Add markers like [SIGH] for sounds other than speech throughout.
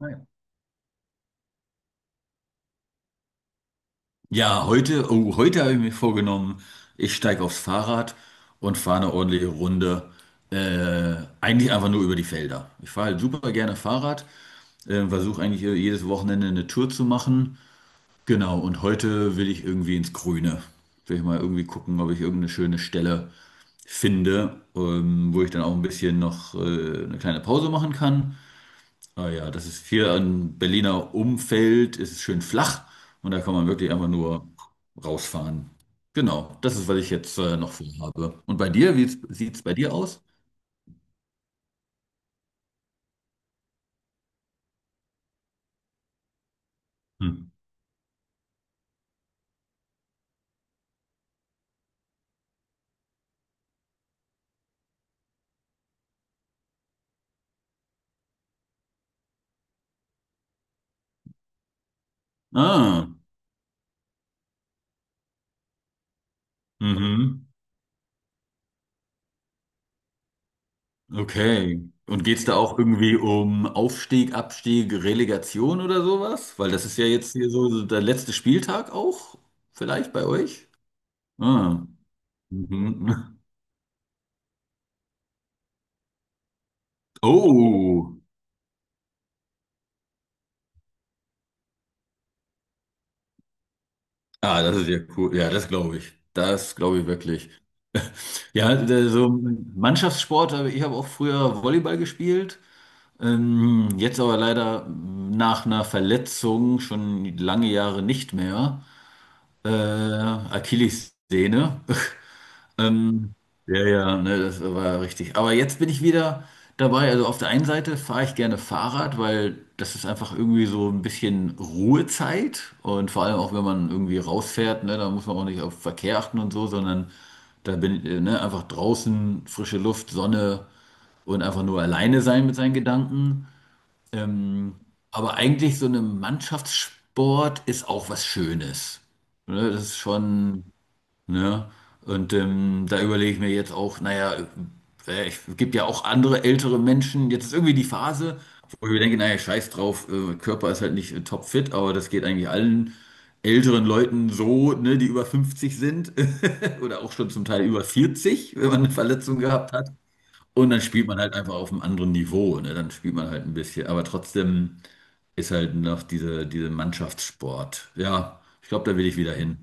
Ah ja. Ja, heute, oh, heute habe ich mir vorgenommen, ich steige aufs Fahrrad und fahre eine ordentliche Runde. Äh, Eigentlich einfach nur über die Felder. Ich fahre halt super gerne Fahrrad, versuche eigentlich, jedes Wochenende eine Tour zu machen. Genau, und heute will ich irgendwie ins Grüne. Will ich mal irgendwie gucken, ob ich irgendeine schöne Stelle finde, wo ich dann auch ein bisschen noch, eine kleine Pause machen kann. Ah ja, das ist hier ein Berliner Umfeld, es ist schön flach und da kann man wirklich einfach nur rausfahren. Genau, das ist, was ich jetzt noch vorhabe. Und bei dir, wie sieht es bei dir aus? Hm. Ah, mhm, okay. Und geht es da auch irgendwie um Aufstieg, Abstieg, Relegation oder sowas? Weil das ist ja jetzt hier so so der letzte Spieltag auch, vielleicht bei euch? Ah, mhm. Oh, ah, das ist ja cool. Ja, das glaube ich. Das glaube ich wirklich. Ja, der- so Mannschaftssport, aber ich habe auch früher Volleyball gespielt. Jetzt aber leider nach einer Verletzung schon lange Jahre nicht mehr. Achillessehne. Ähm, ja, ja, ne, das war richtig. Aber jetzt bin ich wieder dabei. Also auf der einen Seite fahre ich gerne Fahrrad, weil das ist einfach irgendwie so ein bisschen Ruhezeit. Und vor allem auch, wenn man irgendwie rausfährt, ne, da muss man auch nicht auf Verkehr achten und so, sondern da bin ich, ne, einfach draußen, frische Luft, Sonne und einfach nur alleine sein mit seinen Gedanken. Ähm, aber eigentlich so eine Mannschaftssport ist auch was Schönes. Ne, das ist schon. Ne? Und da überlege ich mir jetzt auch, naja, es gibt ja auch andere ältere Menschen. Jetzt ist irgendwie die Phase, wo ich mir denke, naja, scheiß drauf, Körper ist halt nicht topfit, aber das geht eigentlich allen älteren Leuten so, ne, die über 50 sind [LAUGHS] oder auch schon zum Teil über 40 wenn man eine Verletzung gehabt hat. Und dann spielt man halt einfach auf einem anderen Niveau, ne? Dann spielt man halt ein bisschen, aber trotzdem ist halt noch diese Mannschaftssport. Ja, ich glaube, da will ich wieder hin.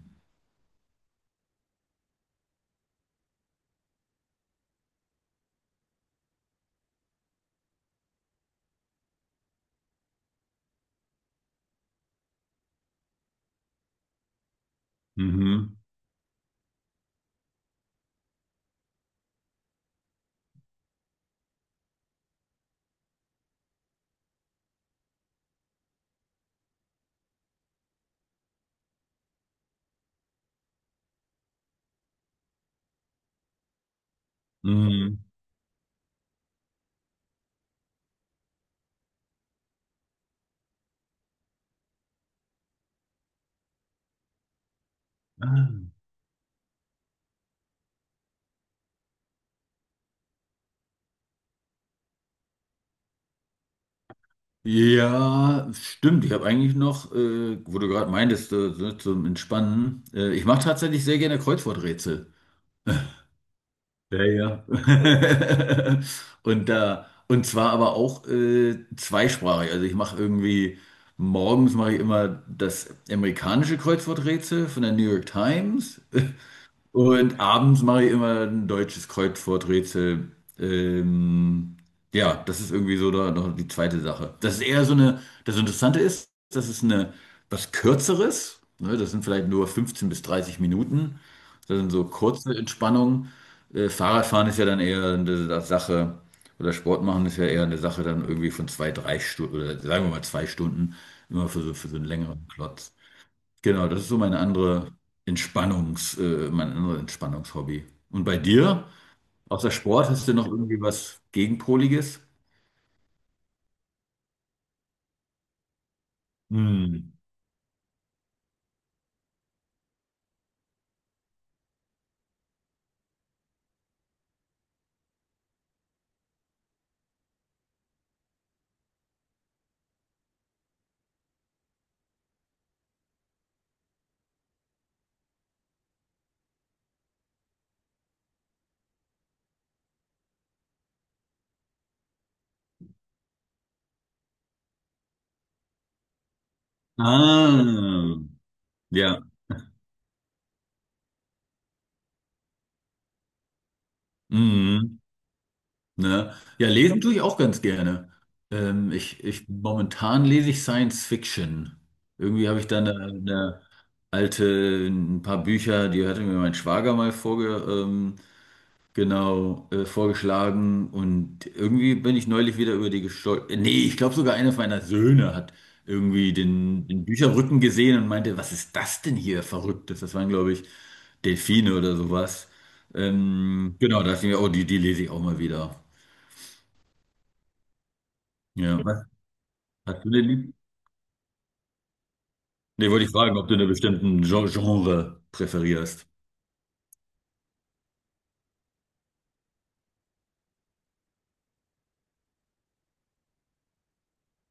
Mhm. Mhm. Ah. Ja, stimmt. Ich habe eigentlich noch, wo du gerade meintest, so zum Entspannen. Ich mache tatsächlich sehr gerne Kreuzworträtsel. Ja, ja. [LAUGHS] Und da, und zwar aber auch zweisprachig. Also ich mache irgendwie, morgens mache ich immer das amerikanische Kreuzworträtsel von der New York Times. Und abends mache ich immer ein deutsches Kreuzworträtsel. Ähm, ja, das ist irgendwie so da, noch die zweite Sache. Das ist eher so eine, das Interessante ist, das ist eine, was Kürzeres. Ne? Das sind vielleicht nur 15 bis 30 Minuten. Das sind so kurze Entspannungen. Fahrradfahren ist ja dann eher eine Sa- Sache, oder Sport machen ist ja eher eine Sache dann irgendwie von zwei, drei Stunden, oder sagen wir mal zwei Stunden, immer für so einen längeren Klotz. Genau, das ist so meine andere mein anderes Entspannungshobby. Und bei dir? Außer Sport hast du noch irgendwie was Gegenpoliges? Hm. Ah, ja. Mhm. Ne? Ja, lesen tue ich auch ganz gerne. Momentan lese ich Science Fiction. Irgendwie habe ich da eine alte, ein paar Bücher, die hatte mir mein Schwager mal genau, vorgeschlagen und irgendwie bin ich neulich wieder über die gestolpert. Nee, ich glaube sogar einer meiner Söhne hat irgendwie den Bücherrücken gesehen und meinte, was ist das denn hier Verrücktes? Das waren, glaube ich, Delfine oder sowas. Genau, da dachte ich mir, oh, die, die lese ich auch mal wieder. Ja, was hast du denn lieb? Nee, wollte ich fragen, ob du einen bestimmten Gen- Genre präferierst.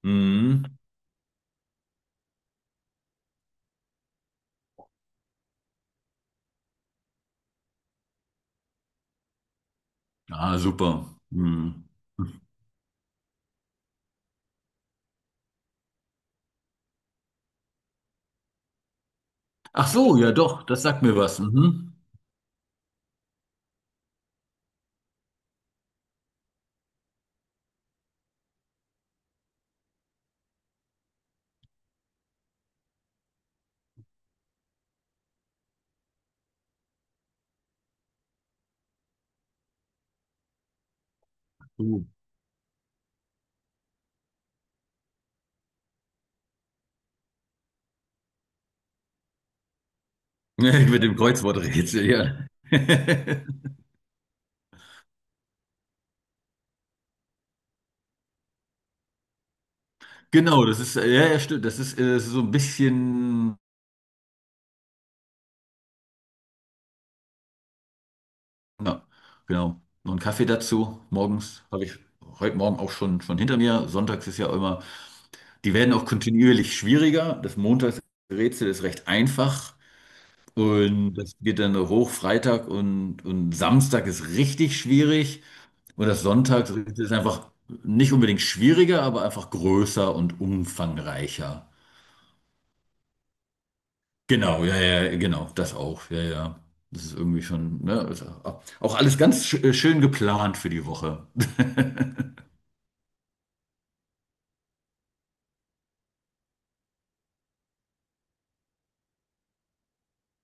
Mhm. Ah, super. Mhm. Ach so, ja doch, das sagt mir was. Mhm. Oh. [LAUGHS] Mit dem Kreuzworträtsel, ja. [LAUGHS] Genau, das ist, ja, ja, stimmt. Das ist so ein bisschen, ja, genau. Noch einen Kaffee dazu. Morgens habe ich heute Morgen auch schon hinter mir. Sonntags ist ja immer, die werden auch kontinuierlich schwieriger. Das Montagsrätsel ist recht einfach. Und das geht dann hoch. Freitag und Samstag ist richtig schwierig. Und das Sonntagsrätsel ist einfach nicht unbedingt schwieriger, aber einfach größer und umfangreicher. Genau, ja, ja, genau, das auch, ja, ja. Das ist irgendwie schon, ne, ist auch auch alles ganz schön geplant für die Woche. [LAUGHS]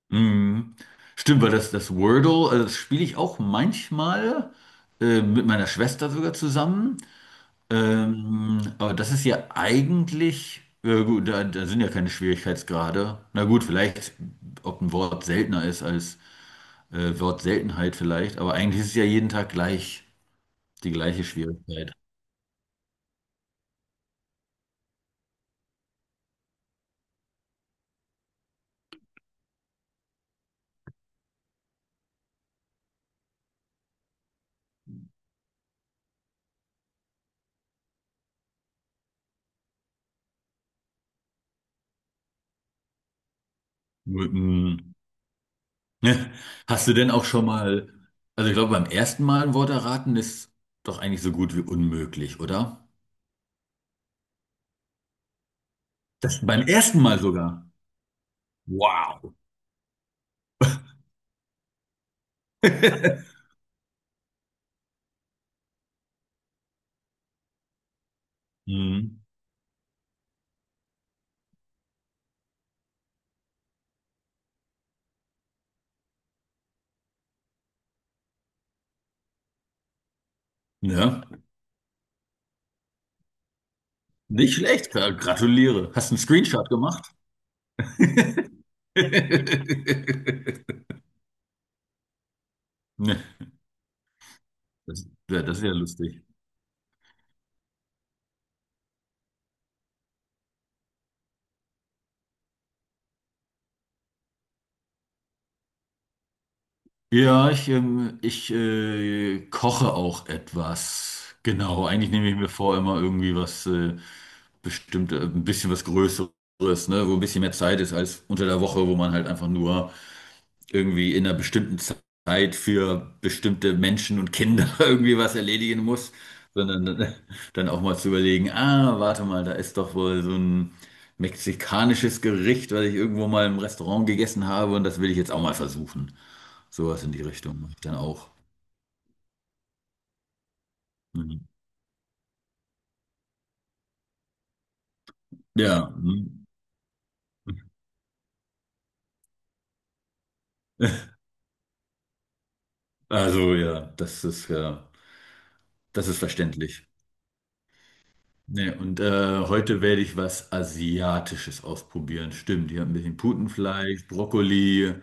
Mhm. Stimmt, weil das Wordle, also das spiele ich auch manchmal mit meiner Schwester sogar zusammen. Aber das ist ja eigentlich, ja gut, da sind ja keine Schwierigkeitsgrade. Na gut, vielleicht, ob ein Wort seltener ist als Wortseltenheit vielleicht, aber eigentlich ist es ja jeden Tag gleich, die gleiche Schwierigkeit. Mhm. [LAUGHS] Hast du denn auch schon mal, also ich glaube, beim ersten Mal ein Wort erraten ist doch eigentlich so gut wie unmöglich, oder? Das beim ersten Mal sogar. Wow. [LAUGHS] Mhm. Ja, nicht schlecht, gra- gratuliere. Hast einen Screenshot gemacht? [LAUGHS] Ne, das, ja, das ist ja lustig. Ja, ich koche auch etwas. Genau, eigentlich nehme ich mir vor, immer irgendwie was bestimmt, ein bisschen was Größeres, ne, wo ein bisschen mehr Zeit ist als unter der Woche, wo man halt einfach nur irgendwie in einer bestimmten Zeit für bestimmte Menschen und Kinder [LAUGHS] irgendwie was erledigen muss, sondern dann auch mal zu überlegen, ah, warte mal, da ist doch wohl so ein mexikanisches Gericht, was ich irgendwo mal im Restaurant gegessen habe und das will ich jetzt auch mal versuchen. Sowas in die Richtung mache ich dann auch. Mhm. Ja. Mhm. [LAUGHS] Also ja, das ist verständlich. Nee, und heute werde ich was Asiatisches ausprobieren. Stimmt, ich habe ein bisschen Putenfleisch, Brokkoli,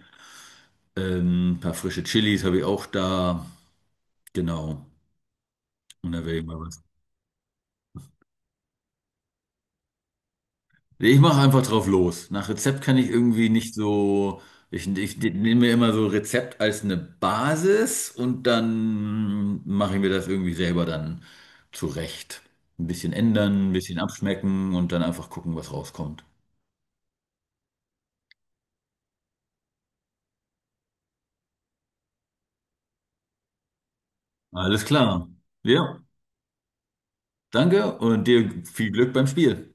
ein paar frische Chilis habe ich auch da. Genau. Und dann werde ich mal was. Nee, ich mache einfach drauf los. Nach Rezept kann ich irgendwie nicht so. Ich nehme mir immer so Rezept als eine Basis und dann mache ich mir das irgendwie selber dann zurecht. Ein bisschen ändern, ein bisschen abschmecken und dann einfach gucken, was rauskommt. Alles klar. Ja, danke und dir viel Glück beim Spiel.